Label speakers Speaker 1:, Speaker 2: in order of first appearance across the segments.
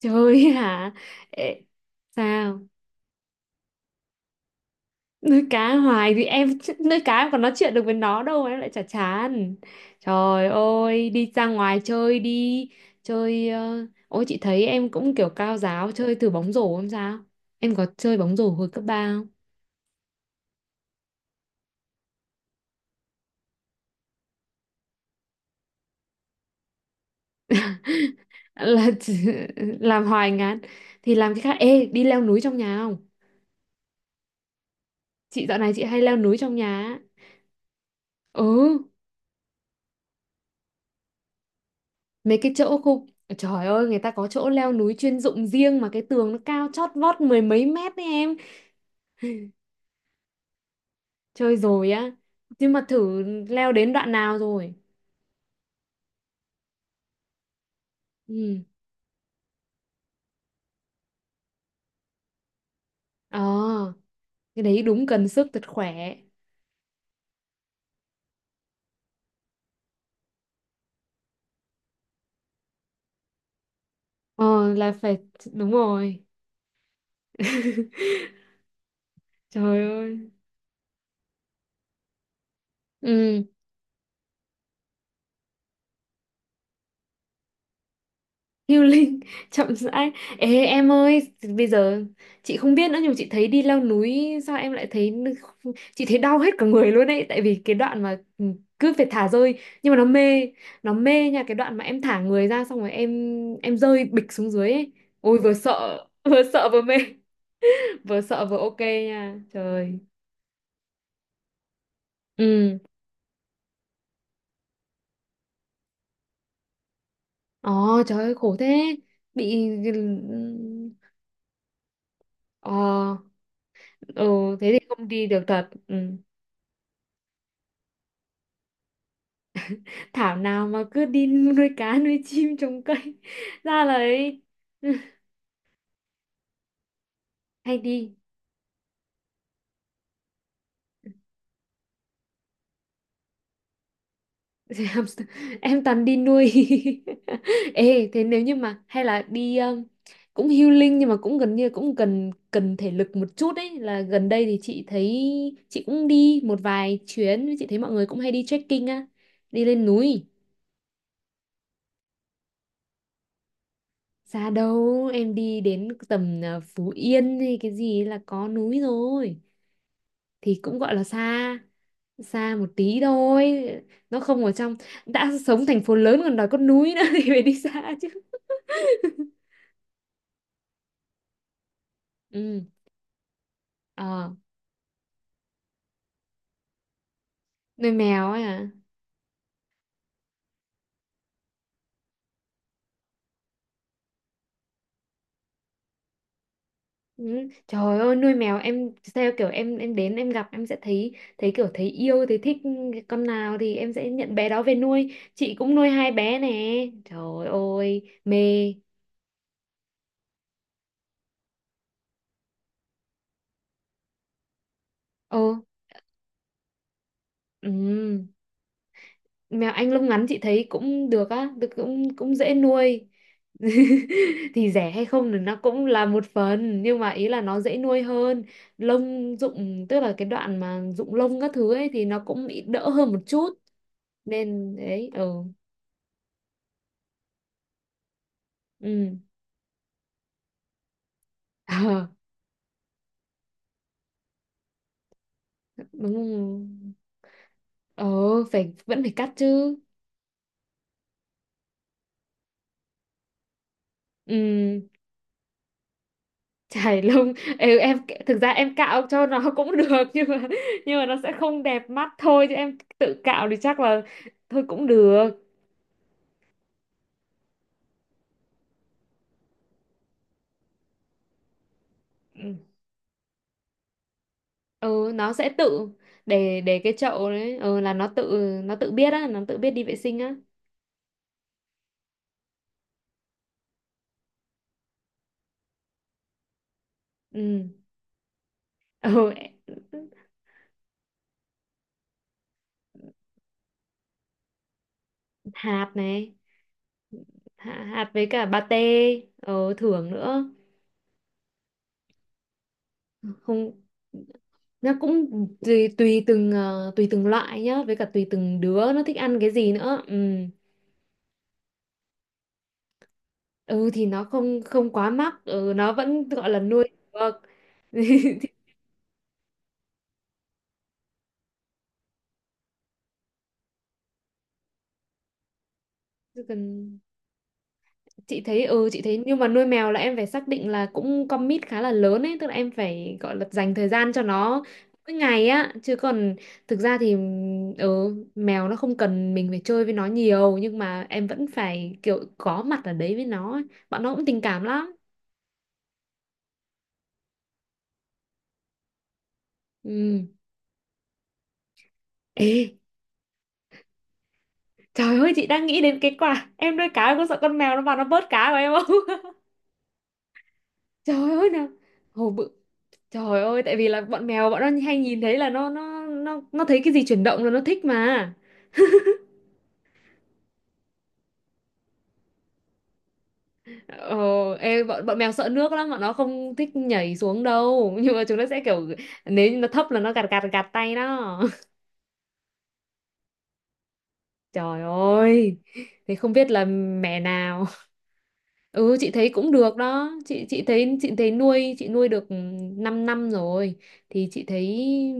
Speaker 1: Trời, hả? Ê, sao? Nuôi cá hoài thì em nuôi cá em còn nói chuyện được với nó đâu mà em lại chả chán. Trời ơi, đi ra ngoài chơi đi. Ôi chị thấy em cũng kiểu cao giáo, chơi thử bóng rổ không sao? Em có chơi bóng rổ hồi cấp 3 không? Là làm hoài ngán thì làm cái khác. Ê, đi leo núi trong nhà không? Chị dạo này chị hay leo núi trong nhà á. Ừ. mấy cái chỗ khu Trời ơi, người ta có chỗ leo núi chuyên dụng riêng mà cái tường nó cao chót vót mười mấy mét đấy em. Chơi rồi á, nhưng mà thử leo đến đoạn nào rồi? Ừ. ờ cái đấy đúng cần sức thật khỏe. Ờ là phải, đúng rồi. Trời ơi. Ừ. Healing chậm rãi. Ê em ơi, bây giờ chị không biết nữa nhưng mà chị thấy đi leo núi, sao em lại thấy, chị thấy đau hết cả người luôn ấy, tại vì cái đoạn mà cứ phải thả rơi nhưng mà nó mê. Nó mê nha, cái đoạn mà em thả người ra xong rồi em rơi bịch xuống dưới ấy. Ôi vừa sợ, vừa sợ vừa mê, vừa sợ vừa ok nha. Trời. Ừ. Ồ trời ơi, khổ thế. Bị ờ ừ, thế thì không đi được thật. Ừ. Thảo nào mà cứ đi nuôi cá, nuôi chim, trồng cây. Ra là ấy. Hay đi. Thì hamster, em toàn đi nuôi. Ê, thế nếu như mà hay là đi cũng healing nhưng mà cũng gần như cũng cần cần thể lực một chút ấy, là gần đây thì chị thấy, chị cũng đi một vài chuyến, chị thấy mọi người cũng hay đi trekking á, đi lên núi. Xa đâu, em đi đến tầm Phú Yên hay cái gì là có núi rồi, thì cũng gọi là xa, xa một tí thôi. Nó không ở trong, đã sống thành phố lớn còn đòi có núi nữa thì phải đi xa chứ. Ừ. ờ Nuôi mèo ấy à? Ừ. Trời ơi, nuôi mèo em theo kiểu em đến em gặp, em sẽ thấy, thấy kiểu, thấy yêu thấy thích con nào thì em sẽ nhận bé đó về nuôi. Chị cũng nuôi hai bé nè. Trời ơi mê. Ồ. Ừ, mèo Anh lông ngắn chị thấy cũng được á, được, cũng cũng dễ nuôi. Thì rẻ hay không thì nó cũng là một phần, nhưng mà ý là nó dễ nuôi hơn. Lông rụng, tức là cái đoạn mà rụng lông các thứ ấy thì nó cũng bị đỡ hơn một chút. Nên đấy. Ừ. Ừ. Ờ, đúng. ờ Phải, vẫn phải cắt chứ. Ừ. Chải lông. Ê em, thực ra em cạo cho nó cũng được, nhưng mà, nhưng mà nó sẽ không đẹp mắt thôi, chứ em tự cạo thì chắc là thôi cũng được. Ừ. Ừ, nó sẽ tự, để cái chậu đấy ừ, là nó tự, nó tự biết á, nó tự biết đi vệ sinh á. Ừ. Ừ. Hạt này. Hạt, hạt với cả pate. Ừ, thưởng nữa. Không, nó cũng tùy tùy từng ờ, tùy từng loại nhá, với cả tùy từng đứa nó thích ăn cái gì nữa. Ừ. Ừ, thì nó không không quá mắc, ừ, nó vẫn gọi là nuôi được. Thì chỉ cần, chị thấy, nhưng mà nuôi mèo là em phải xác định là cũng commit khá là lớn ấy, tức là em phải gọi là dành thời gian cho nó mỗi ngày á, chứ còn thực ra thì, mèo nó không cần mình phải chơi với nó nhiều, nhưng mà em vẫn phải kiểu có mặt ở đấy với nó ấy. Bọn nó cũng tình cảm lắm. Ừ. Ê, trời ơi, chị đang nghĩ đến cái quả em nuôi cá, em có sợ con mèo nó vào nó bớt cá của em không? Trời ơi nào. Hồi bự. Trời ơi, tại vì là bọn mèo, bọn nó hay nhìn thấy là nó thấy cái gì chuyển động là nó thích mà. ờ, ê, bọn bọn mèo sợ nước lắm, bọn nó không thích nhảy xuống đâu, nhưng mà chúng nó sẽ kiểu, nếu như nó thấp là nó gạt gạt gạt tay đó. Trời ơi, thế không biết là mẹ nào. Ừ, chị thấy cũng được đó. Chị nuôi được 5 năm năm rồi, thì chị thấy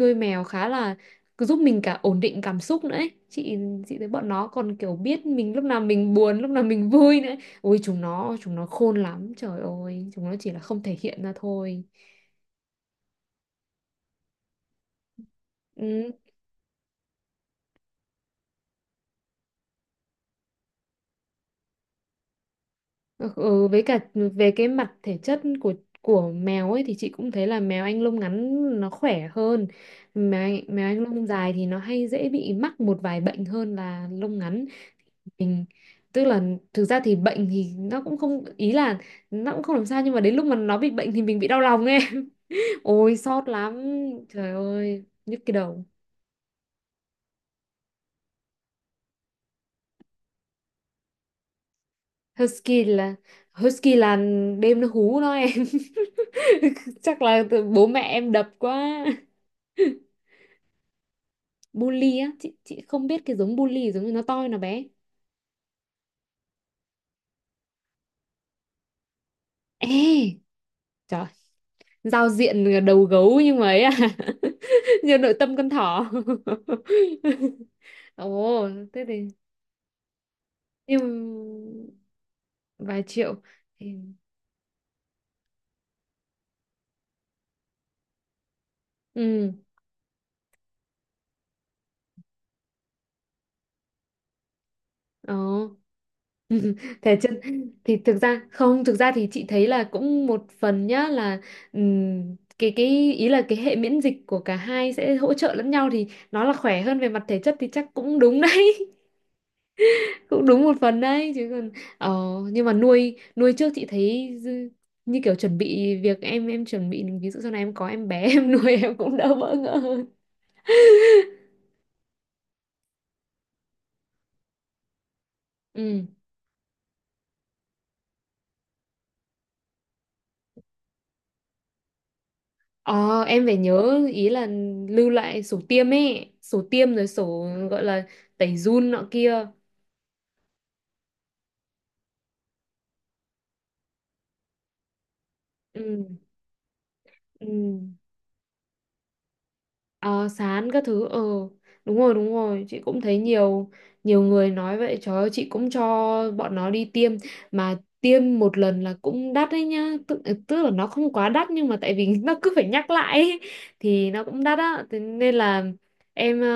Speaker 1: nuôi mèo khá là cứ giúp mình cả ổn định cảm xúc nữa ấy. Chị thấy bọn nó còn kiểu biết mình lúc nào mình buồn, lúc nào mình vui nữa. Ôi, chúng nó khôn lắm, trời ơi, chúng nó chỉ là không thể hiện ra thôi. Ừ. Ừ, ừ, với cả về cái mặt thể chất của mèo ấy thì chị cũng thấy là mèo Anh lông ngắn nó khỏe hơn. Mèo Anh, mèo Anh lông dài thì nó hay dễ bị mắc một vài bệnh hơn là lông ngắn. Mình, tức là, thực ra thì bệnh thì nó cũng không, ý là nó cũng không làm sao, nhưng mà đến lúc mà nó bị bệnh thì mình bị đau lòng em. Ôi xót lắm. Trời ơi, nhức cái đầu. Husky là Husky là đêm nó hú nó em. Chắc là bố mẹ em đập quá. Bully á, chị không biết cái giống bully giống như nó to nó bé. Ê, trời, giao diện là đầu gấu nhưng mà ấy à. Như nội tâm con thỏ. Ồ, thế thì nhưng, vài triệu. thì- Ừ. Ồ. Thế chứ, thì thực ra không, thực ra thì chị thấy là cũng một phần nhá, là cái ý là cái hệ miễn dịch của cả hai sẽ hỗ trợ lẫn nhau, thì nó là khỏe hơn về mặt thể chất thì chắc cũng đúng đấy. Cũng đúng một phần đấy, chứ còn ờ, nhưng mà nuôi nuôi trước chị thấy như kiểu chuẩn bị việc em chuẩn bị ví dụ sau này em có em bé em nuôi em cũng đỡ bỡ ngỡ hơn. Ừ. ờ, em phải nhớ, ý là lưu lại sổ tiêm ấy, sổ tiêm rồi sổ gọi là tẩy giun nọ kia. Ừ. Ừ. Ờ, sán các thứ. Ờ Đúng rồi, đúng rồi, chị cũng thấy nhiều nhiều người nói vậy. Trời ơi, chị cũng cho bọn nó đi tiêm, mà tiêm một lần là cũng đắt đấy nhá, tức là nó không quá đắt nhưng mà tại vì nó cứ phải nhắc lại ấy, thì nó cũng đắt á, thế nên là em,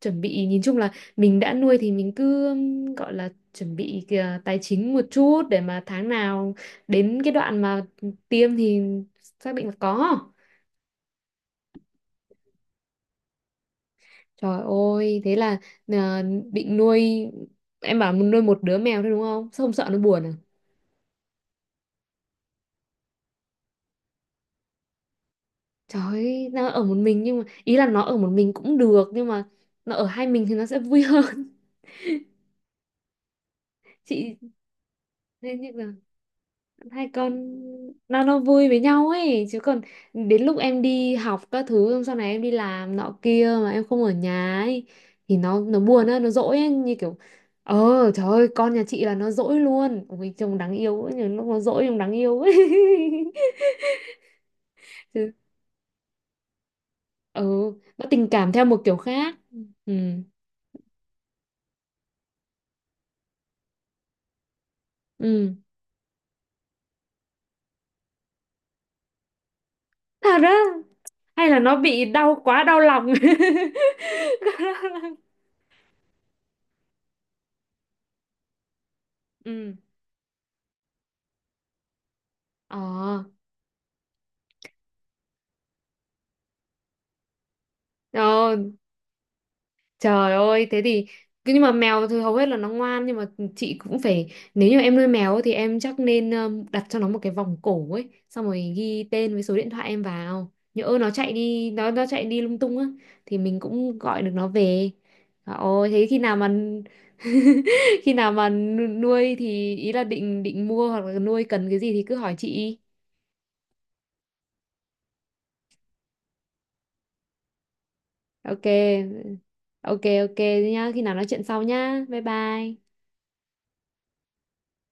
Speaker 1: chuẩn bị, nhìn chung là mình đã nuôi thì mình cứ gọi là chuẩn bị kìa, tài chính một chút để mà tháng nào đến cái đoạn mà tiêm thì xác định là có. Trời ơi, thế là à, định nuôi, em bảo muốn nuôi một đứa mèo thôi đúng không? Sao không sợ nó buồn à? Trời ơi, nó ở một mình, nhưng mà ý là nó ở một mình cũng được nhưng mà nó ở hai mình thì nó sẽ vui hơn. Chị, nên như là hai con nó vui với nhau ấy, chứ còn đến lúc em đi học các thứ xong, sau này em đi làm nọ kia mà em không ở nhà ấy thì nó buồn á, nó dỗi ấy, như kiểu, trời ơi con nhà chị là nó dỗi luôn, ôi trông đáng yêu ấy, nhưng lúc nó dỗi trông đáng yêu ấy. Chứ. Ừ. Nó tình cảm theo một kiểu khác. Ừ. Ừ. Thật á? Hay là nó bị đau quá, đau lòng. Quá đau lòng. Ừ. Ờ. Ờ. Trời ơi, thế thì nhưng mà mèo thì hầu hết là nó ngoan, nhưng mà chị cũng phải, nếu như em nuôi mèo ấy thì em chắc nên đặt cho nó một cái vòng cổ ấy, xong rồi ghi tên với số điện thoại em vào. Nhỡ nó chạy đi, nó chạy đi lung tung á thì mình cũng gọi được nó về. Trời ơi, thế khi nào mà khi nào mà nuôi thì ý là định định mua hoặc là nuôi cần cái gì thì cứ hỏi chị. Ok. Ok, ok nhá, khi nào nói chuyện sau nhá. Bye bye.